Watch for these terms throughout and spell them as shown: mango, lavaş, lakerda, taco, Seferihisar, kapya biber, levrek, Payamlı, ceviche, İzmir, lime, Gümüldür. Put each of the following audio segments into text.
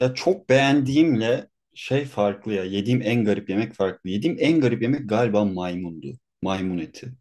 Ya çok beğendiğimle şey farklı ya. Yediğim en garip yemek farklı. Yediğim en garip yemek galiba maymundu. Maymun eti.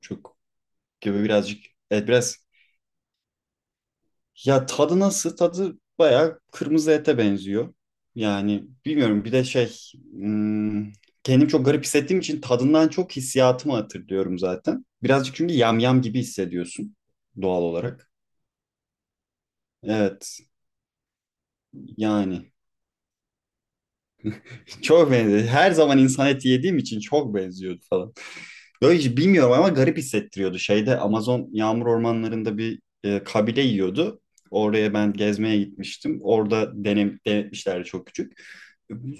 Çok gibi birazcık. Evet biraz. Ya tadı nasıl? Tadı bayağı kırmızı ete benziyor. Yani bilmiyorum bir de şey. hmm, Kendim çok garip hissettiğim için tadından çok hissiyatımı hatırlıyorum zaten. Birazcık çünkü yamyam gibi hissediyorsun doğal olarak. Evet yani çok benziyor. Her zaman insan eti yediğim için çok benziyordu falan. Böyle hiç bilmiyorum ama garip hissettiriyordu. Şeyde Amazon yağmur ormanlarında bir kabile yiyordu. Oraya ben gezmeye gitmiştim. Orada denetmişlerdi çok küçük.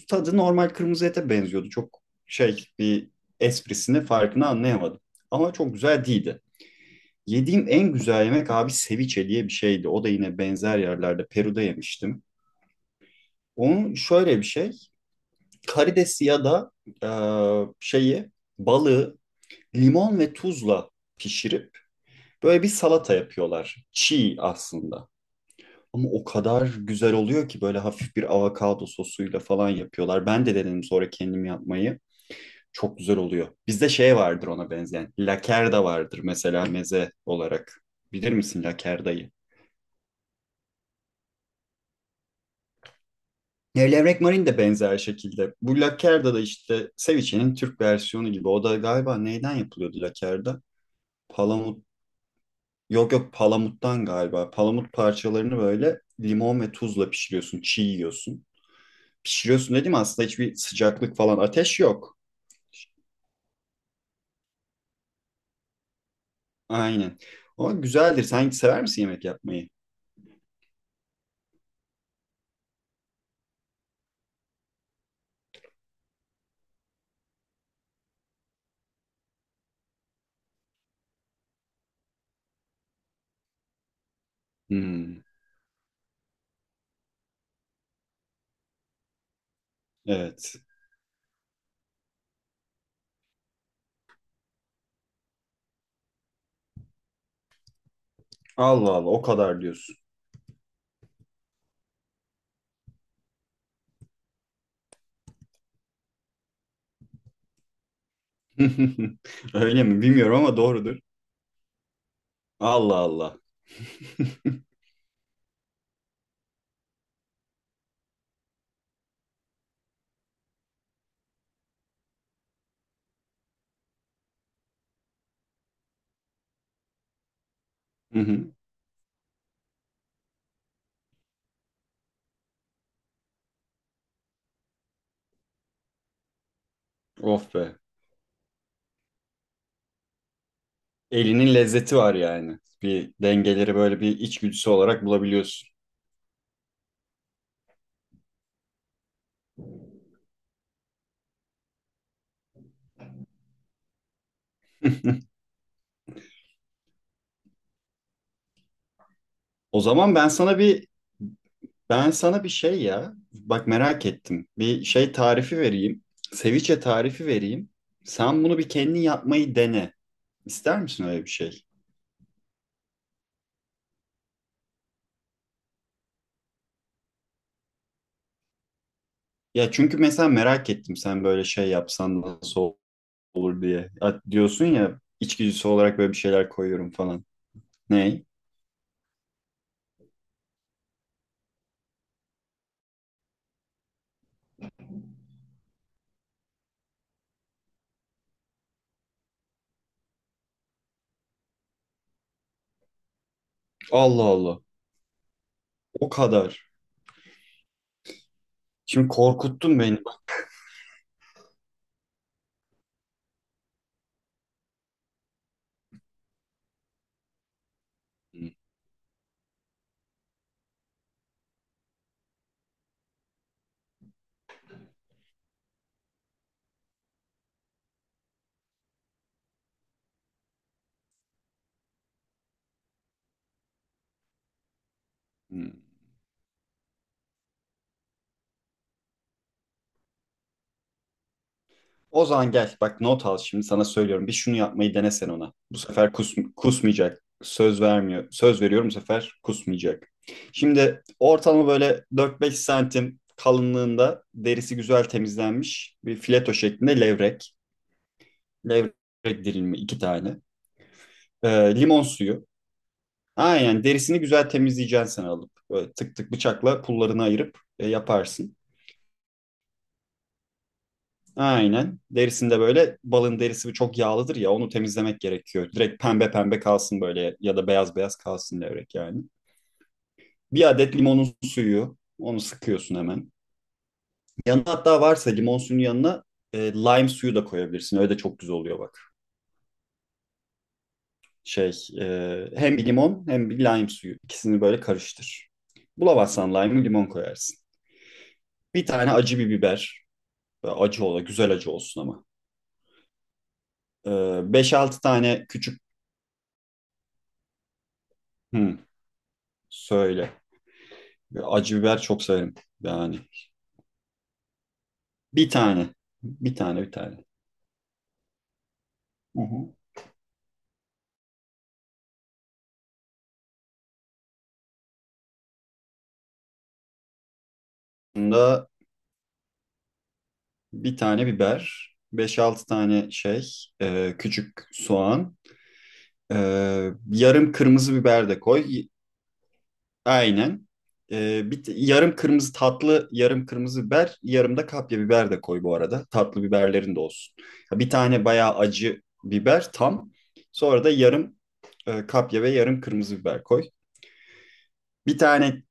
Tadı normal kırmızı ete benziyordu. Çok şey bir esprisini farkını anlayamadım. Ama çok güzel değildi. Yediğim en güzel yemek abi ceviche diye bir şeydi. O da yine benzer yerlerde Peru'da yemiştim. Onun şöyle bir şey. Karidesi ya da e, şeyi balığı limon ve tuzla pişirip böyle bir salata yapıyorlar. Çiğ aslında. Ama o kadar güzel oluyor ki böyle hafif bir avokado sosuyla falan yapıyorlar. Ben de denedim sonra kendim yapmayı. Çok güzel oluyor. Bizde şey vardır ona benzeyen. Lakerda vardır mesela meze olarak. Bilir misin lakerdayı? Levrek marin de benzer şekilde. Bu lakerda da işte ceviche'nin Türk versiyonu gibi. O da galiba neyden yapılıyordu lakerda? Palamut. Yok, yok, palamuttan galiba. Palamut parçalarını böyle limon ve tuzla pişiriyorsun, çiğ yiyorsun. Pişiriyorsun dedim aslında hiçbir sıcaklık falan ateş yok. Aynen. O güzeldir. Sen sever misin yemek yapmayı? Hmm, evet. Allah Allah o kadar diyorsun. Öyle mi bilmiyorum ama doğrudur. Allah Allah. Hı hı. Of be. Elinin lezzeti var yani. Bir dengeleri böyle bir içgüdüsü olarak bulabiliyorsun. O zaman ben sana bir Ben sana bir şey ya, bak merak ettim. Bir şey tarifi vereyim. Seviçe tarifi vereyim. Sen bunu bir kendin yapmayı dene. İster misin öyle bir şey? Ya çünkü mesela merak ettim sen böyle şey yapsan nasıl olur diye. Ya diyorsun ya içgüdüsü olarak böyle bir şeyler koyuyorum falan. Ne? Allah Allah. O kadar. Şimdi korkuttun beni. Hı, hı. O zaman gel bak not al şimdi sana söylüyorum. Bir şunu yapmayı denesen ona. Bu sefer kusmayacak. Söz vermiyor. Söz veriyorum bu sefer kusmayacak. Şimdi ortalama böyle 4-5 santim kalınlığında derisi güzel temizlenmiş bir fileto şeklinde levrek. Levrek dilimi iki tane. Limon suyu. Aynen derisini güzel temizleyeceksin sen alıp. Böyle tık tık bıçakla pullarını ayırıp yaparsın. Aynen. Derisinde böyle balın derisi çok yağlıdır ya onu temizlemek gerekiyor. Direkt pembe pembe kalsın böyle ya da beyaz beyaz kalsın levrek yani. Bir adet limonun suyu onu sıkıyorsun hemen. Yanına hatta varsa limon suyunun yanına lime suyu da koyabilirsin. Öyle de çok güzel oluyor bak. Şey hem bir limon hem bir lime suyu ikisini böyle karıştır. Bulamazsan lime'ı limon koyarsın. Bir tane acı bir biber. Böyle acı ola güzel acı olsun ama. E, 5-6 tane küçük. Hı, söyle. Acı biber çok severim. Yani bir tane. Bir tane bir tane. Hı hı. Bunda bir tane biber, beş altı tane şey, küçük soğan, e, yarım kırmızı biber de koy. Aynen. Yarım kırmızı tatlı, yarım kırmızı biber, yarım da kapya biber de koy bu arada. Tatlı biberlerin de olsun. Ya bir tane bayağı acı biber tam. Sonra da yarım kapya ve yarım kırmızı biber koy. Bir tane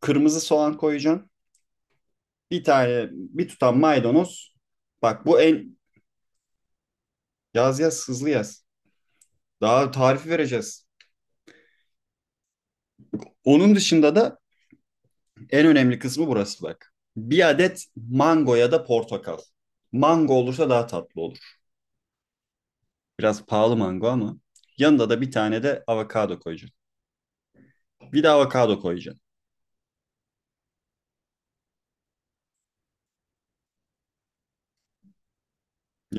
kırmızı soğan koyacaksın. Bir tane bir tutam maydanoz. Bak bu yaz yaz hızlı yaz. Daha tarifi vereceğiz. Onun dışında da en önemli kısmı burası bak. Bir adet mango ya da portakal. Mango olursa daha tatlı olur. Biraz pahalı mango ama yanında da bir tane de avokado koyacaksın. Bir de avokado koyacaksın.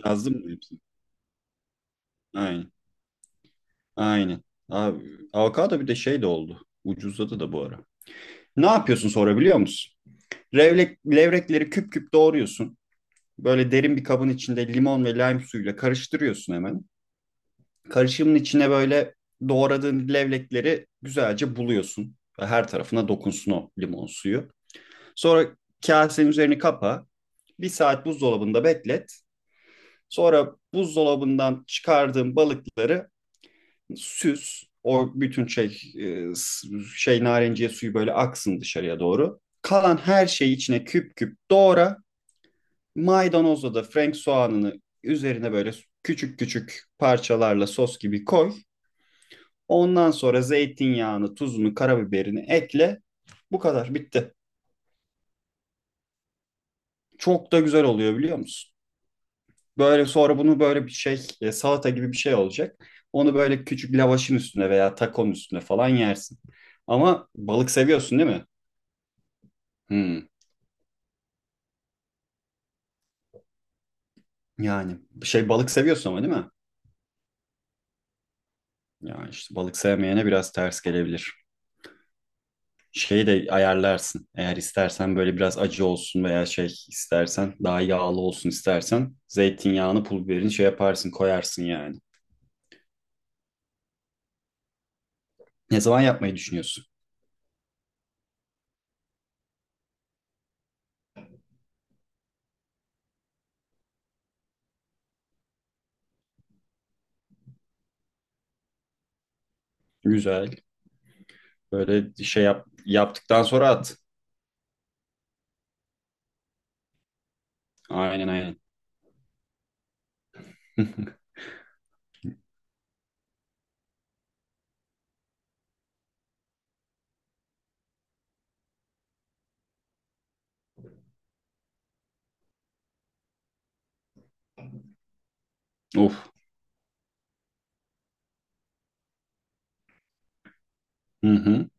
Yazdım mı hepsini? Aynen. Aynen. Abi, avokado bir de şey de oldu. Ucuzladı da bu ara. Ne yapıyorsun sonra biliyor musun? Levrekleri küp küp doğruyorsun. Böyle derin bir kabın içinde limon ve lime suyuyla karıştırıyorsun hemen. Karışımın içine böyle doğradığın levlekleri güzelce buluyorsun. Ve her tarafına dokunsun o limon suyu. Sonra kasenin üzerini kapa. Bir saat buzdolabında beklet. Sonra buzdolabından çıkardığın balıkları süz. O bütün şey narenciye suyu böyle aksın dışarıya doğru. Kalan her şeyi içine küp küp doğra. Maydanozla da Frank soğanını üzerine böyle küçük küçük parçalarla sos gibi koy. Ondan sonra zeytinyağını, tuzunu, karabiberini ekle. Bu kadar bitti. Çok da güzel oluyor biliyor musun? Böyle sonra bunu böyle bir şey salata gibi bir şey olacak. Onu böyle küçük lavaşın üstüne veya takonun üstüne falan yersin. Ama balık seviyorsun değil mi? Hmm. Yani bir şey balık seviyorsun ama değil mi? Yani işte balık sevmeyene biraz ters gelebilir. Şeyi de ayarlarsın. Eğer istersen böyle biraz acı olsun veya şey istersen daha yağlı olsun istersen zeytinyağını pul biberini şey yaparsın koyarsın yani. Ne zaman yapmayı düşünüyorsun? Güzel. Böyle şey yap, yaptıktan sonra at. Aynen aynen. Of. Hı hı.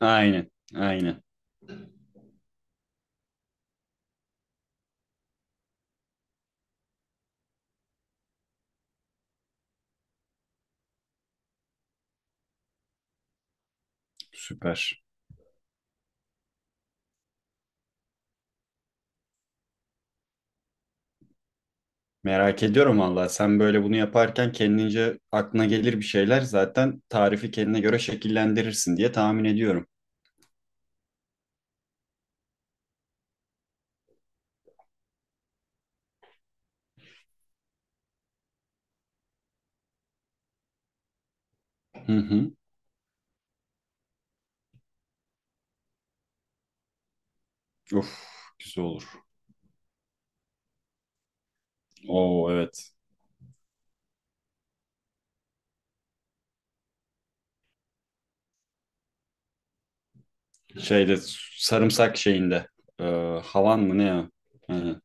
Aynen. Aynen. Süper. Merak ediyorum valla. Sen böyle bunu yaparken kendince aklına gelir bir şeyler zaten tarifi kendine göre şekillendirirsin diye tahmin ediyorum. Hı hı. Of. Güzel olur. Oo evet. Şeyde sarımsak şeyinde. Ee, havan mı ne ya? Aynen.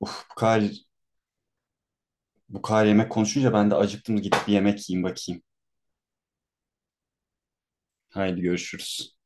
Uf, bu kadar yemek konuşunca ben de acıktım. Gidip bir yemek yiyeyim bakayım. Haydi görüşürüz.